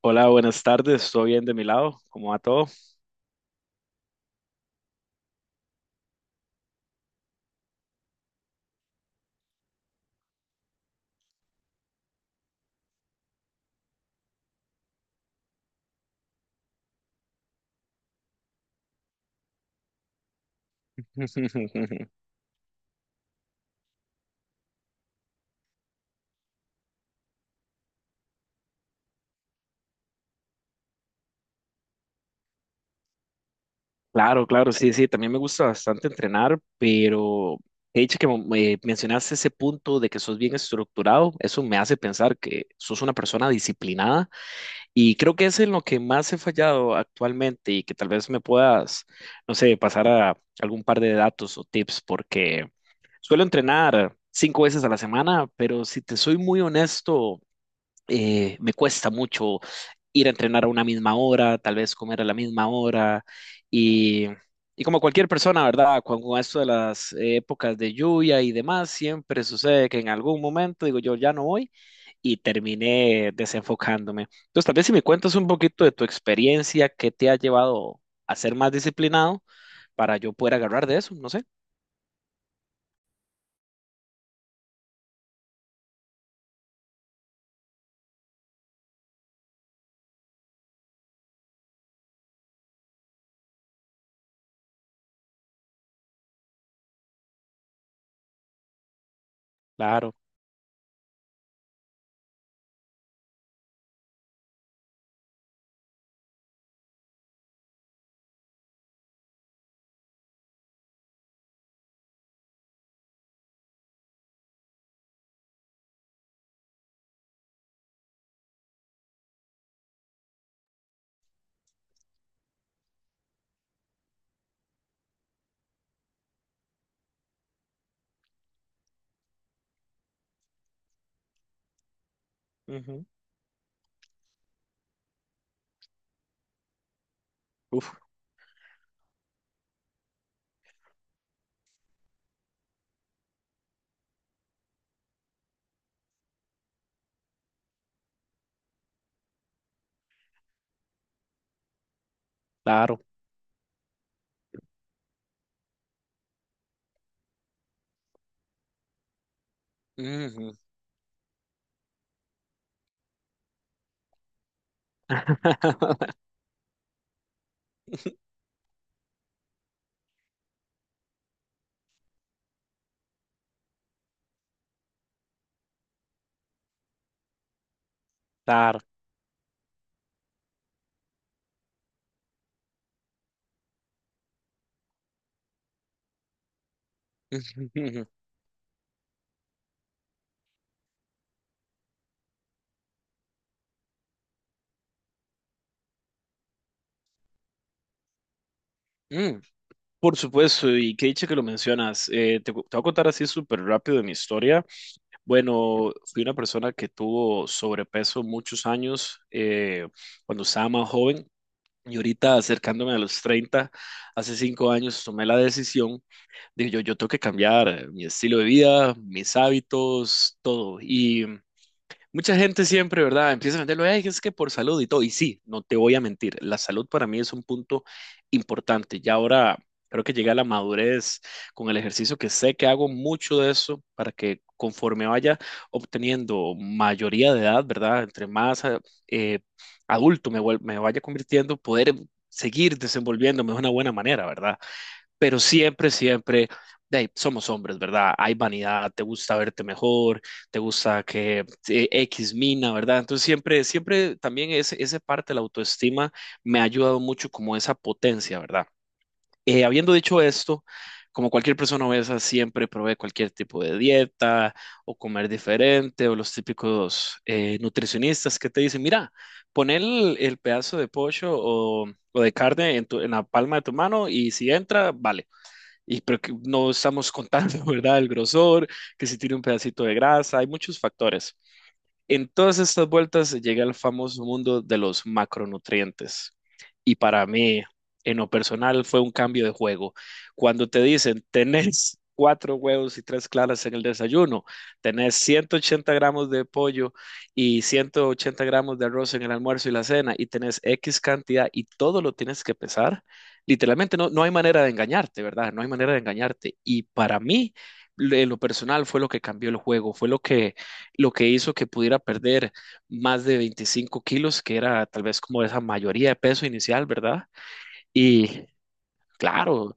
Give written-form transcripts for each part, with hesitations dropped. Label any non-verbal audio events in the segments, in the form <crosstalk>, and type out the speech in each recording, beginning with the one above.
Hola, buenas tardes. ¿Todo bien de mi lado? ¿Cómo va todo? <laughs> Claro, claro, sí, sí. También me gusta bastante entrenar, pero he dicho que me mencionaste ese punto de que sos bien estructurado. Eso me hace pensar que sos una persona disciplinada y creo que es en lo que más he fallado actualmente y que tal vez me puedas, no sé, pasar a algún par de datos o tips porque suelo entrenar 5 veces a la semana, pero si te soy muy honesto. Me cuesta mucho ir a entrenar a una misma hora, tal vez comer a la misma hora y, y como cualquier persona, ¿verdad? Con esto de las épocas de lluvia y demás, siempre sucede que en algún momento digo yo ya no voy y terminé desenfocándome. Entonces, tal vez si me cuentas un poquito de tu experiencia, qué te ha llevado a ser más disciplinado para yo poder agarrar de eso, no sé. Claro. Ujú. Uf, claro. Ujú. <laughs> Claro. <laughs> Mm, por supuesto, y qué dicha que lo mencionas. Te voy a contar así súper rápido de mi historia. Bueno, fui una persona que tuvo sobrepeso muchos años cuando estaba más joven y ahorita acercándome a los 30, hace 5 años tomé la decisión de yo tengo que cambiar mi estilo de vida, mis hábitos, todo. Y mucha gente siempre, ¿verdad? Empieza a venderlo, "Ay, es que por salud y todo". Y sí, no te voy a mentir, la salud para mí es un punto importante. Ya ahora creo que llegué a la madurez con el ejercicio, que sé que hago mucho de eso para que conforme vaya obteniendo mayoría de edad, ¿verdad? Entre más eh, me vaya convirtiendo, poder seguir desenvolviéndome de una buena manera, ¿verdad? Pero siempre, siempre, de ahí, somos hombres, ¿verdad? Hay vanidad, te gusta verte mejor, te gusta que X mina, ¿verdad? Entonces siempre, siempre también esa parte de la autoestima me ha ayudado mucho como esa potencia, ¿verdad? Habiendo dicho esto, como cualquier persona obesa, siempre probé cualquier tipo de dieta o comer diferente o los típicos nutricionistas que te dicen, mira, pon el pedazo de pollo o de carne en, en la palma de tu mano y si entra, vale, y pero que no estamos contando, <laughs> ¿verdad? El grosor, que si tiene un pedacito de grasa, hay muchos factores. En todas estas vueltas llegué al famoso mundo de los macronutrientes. Y para mí, en lo personal, fue un cambio de juego. Cuando te dicen, tenés cuatro huevos y tres claras en el desayuno, tenés 180 gramos de pollo y 180 gramos de arroz en el almuerzo y la cena, y tenés X cantidad y todo lo tienes que pesar, literalmente no hay manera de engañarte, ¿verdad? No hay manera de engañarte. Y para mí, en lo personal, fue lo que cambió el juego, fue lo que hizo que pudiera perder más de 25 kilos, que era tal vez como esa mayoría de peso inicial, ¿verdad? Y claro,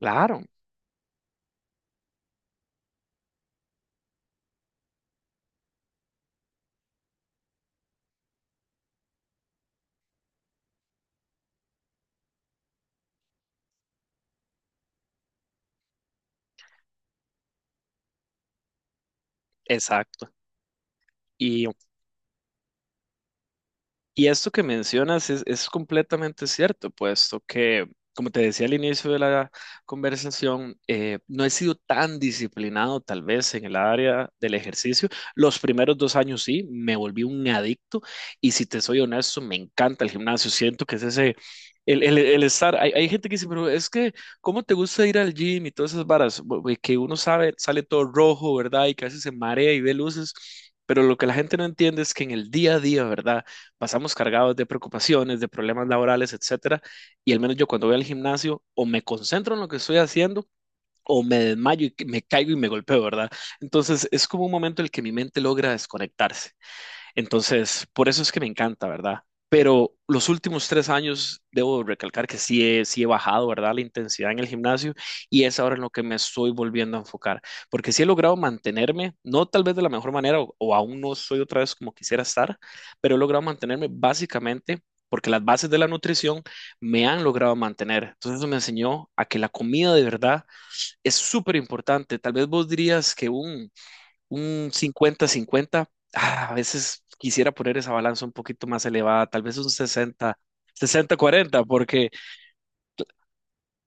claro, exacto. Y esto que mencionas es completamente cierto, puesto que, como te decía al inicio de la conversación, no he sido tan disciplinado tal vez en el área del ejercicio. Los primeros 2 años sí, me volví un adicto y si te soy honesto, me encanta el gimnasio. Siento que es ese, el estar, hay gente que dice, pero es que, ¿cómo te gusta ir al gym y todas esas varas? Que uno sabe, sale todo rojo, ¿verdad? Y que a veces se marea y ve luces. Pero lo que la gente no entiende es que en el día a día, ¿verdad? Pasamos cargados de preocupaciones, de problemas laborales, etcétera, y al menos yo cuando voy al gimnasio o me concentro en lo que estoy haciendo o me desmayo y me caigo y me golpeo, ¿verdad? Entonces es como un momento en el que mi mente logra desconectarse. Entonces, por eso es que me encanta, ¿verdad? Pero los últimos 3 años, debo recalcar que sí he bajado, ¿verdad? La intensidad en el gimnasio, y es ahora en lo que me estoy volviendo a enfocar, porque sí he logrado mantenerme, no tal vez de la mejor manera o aún no soy otra vez como quisiera estar, pero he logrado mantenerme básicamente porque las bases de la nutrición me han logrado mantener. Entonces eso me enseñó a que la comida de verdad es súper importante. Tal vez vos dirías que un 50-50. Ah, a veces quisiera poner esa balanza un poquito más elevada, tal vez un sesenta cuarenta porque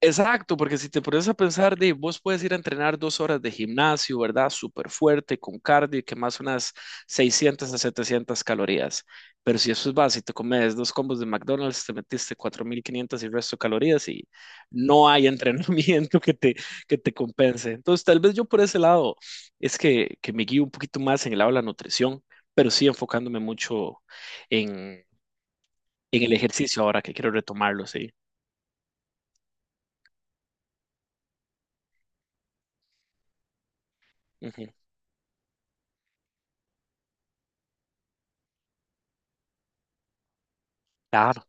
exacto, porque si te pones a pensar, de, vos puedes ir a entrenar 2 horas de gimnasio, ¿verdad? Súper fuerte, con cardio, y que más unas 600 a 700 calorías. Pero si eso es básico, te comes dos combos de McDonald's, te metiste 4.500 y el resto de calorías y no hay entrenamiento <laughs> que te compense. Entonces, tal vez yo por ese lado es que me guío un poquito más en el lado de la nutrición, pero sí enfocándome mucho en, en el ejercicio ahora que quiero retomarlo, sí. Ujú, claro,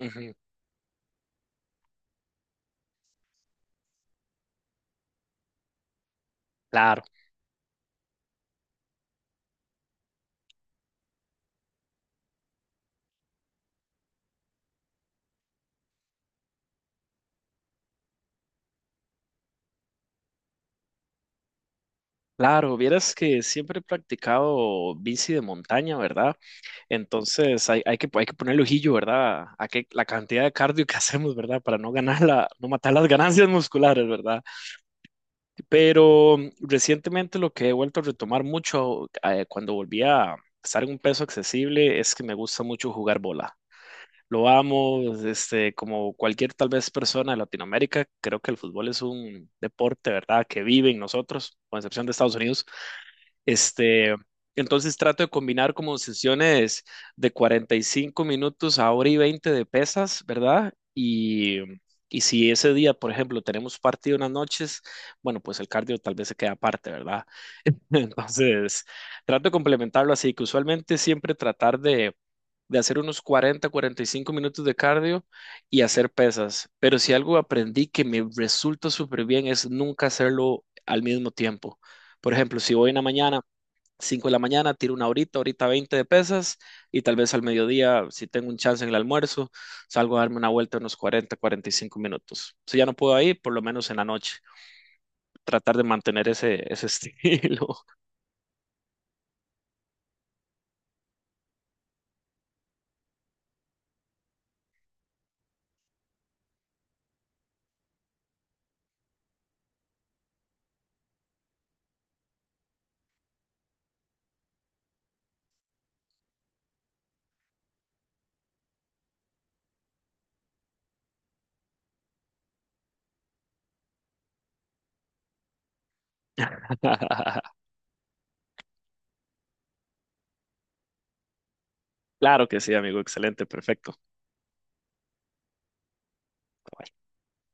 ujú, claro. Claro, vieras que siempre he practicado bici de montaña, ¿verdad? Entonces hay, hay que ponerle ojillo, ¿verdad? A que la cantidad de cardio que <laughs> hacemos, ¿verdad? Para no ganar la, no matar las ganancias musculares, ¿verdad? Pero mm, recientemente lo que he vuelto a retomar mucho cuando volví a estar en un peso accesible es que me gusta mucho jugar bola. Lo amo, este, como cualquier tal vez persona de Latinoamérica, creo que el fútbol es un deporte, ¿verdad? Que vive en nosotros, con excepción de Estados Unidos. Este, entonces trato de combinar como sesiones de 45 minutos a hora y 20 de pesas, ¿verdad? Y si ese día, por ejemplo, tenemos partido en las noches, bueno, pues el cardio tal vez se queda aparte, ¿verdad? <laughs> Entonces, trato de complementarlo así, que usualmente siempre tratar de hacer unos 40-45 minutos de cardio y hacer pesas. Pero si algo aprendí que me resulta súper bien es nunca hacerlo al mismo tiempo. Por ejemplo, si voy en la mañana 5 de la mañana, tiro una horita, horita 20 de pesas y tal vez al mediodía, si tengo un chance en el almuerzo, salgo a darme una vuelta unos 40-45 minutos. Si ya no puedo ir, por lo menos en la noche, tratar de mantener ese, ese estilo. <laughs> Claro que sí, amigo, excelente, perfecto.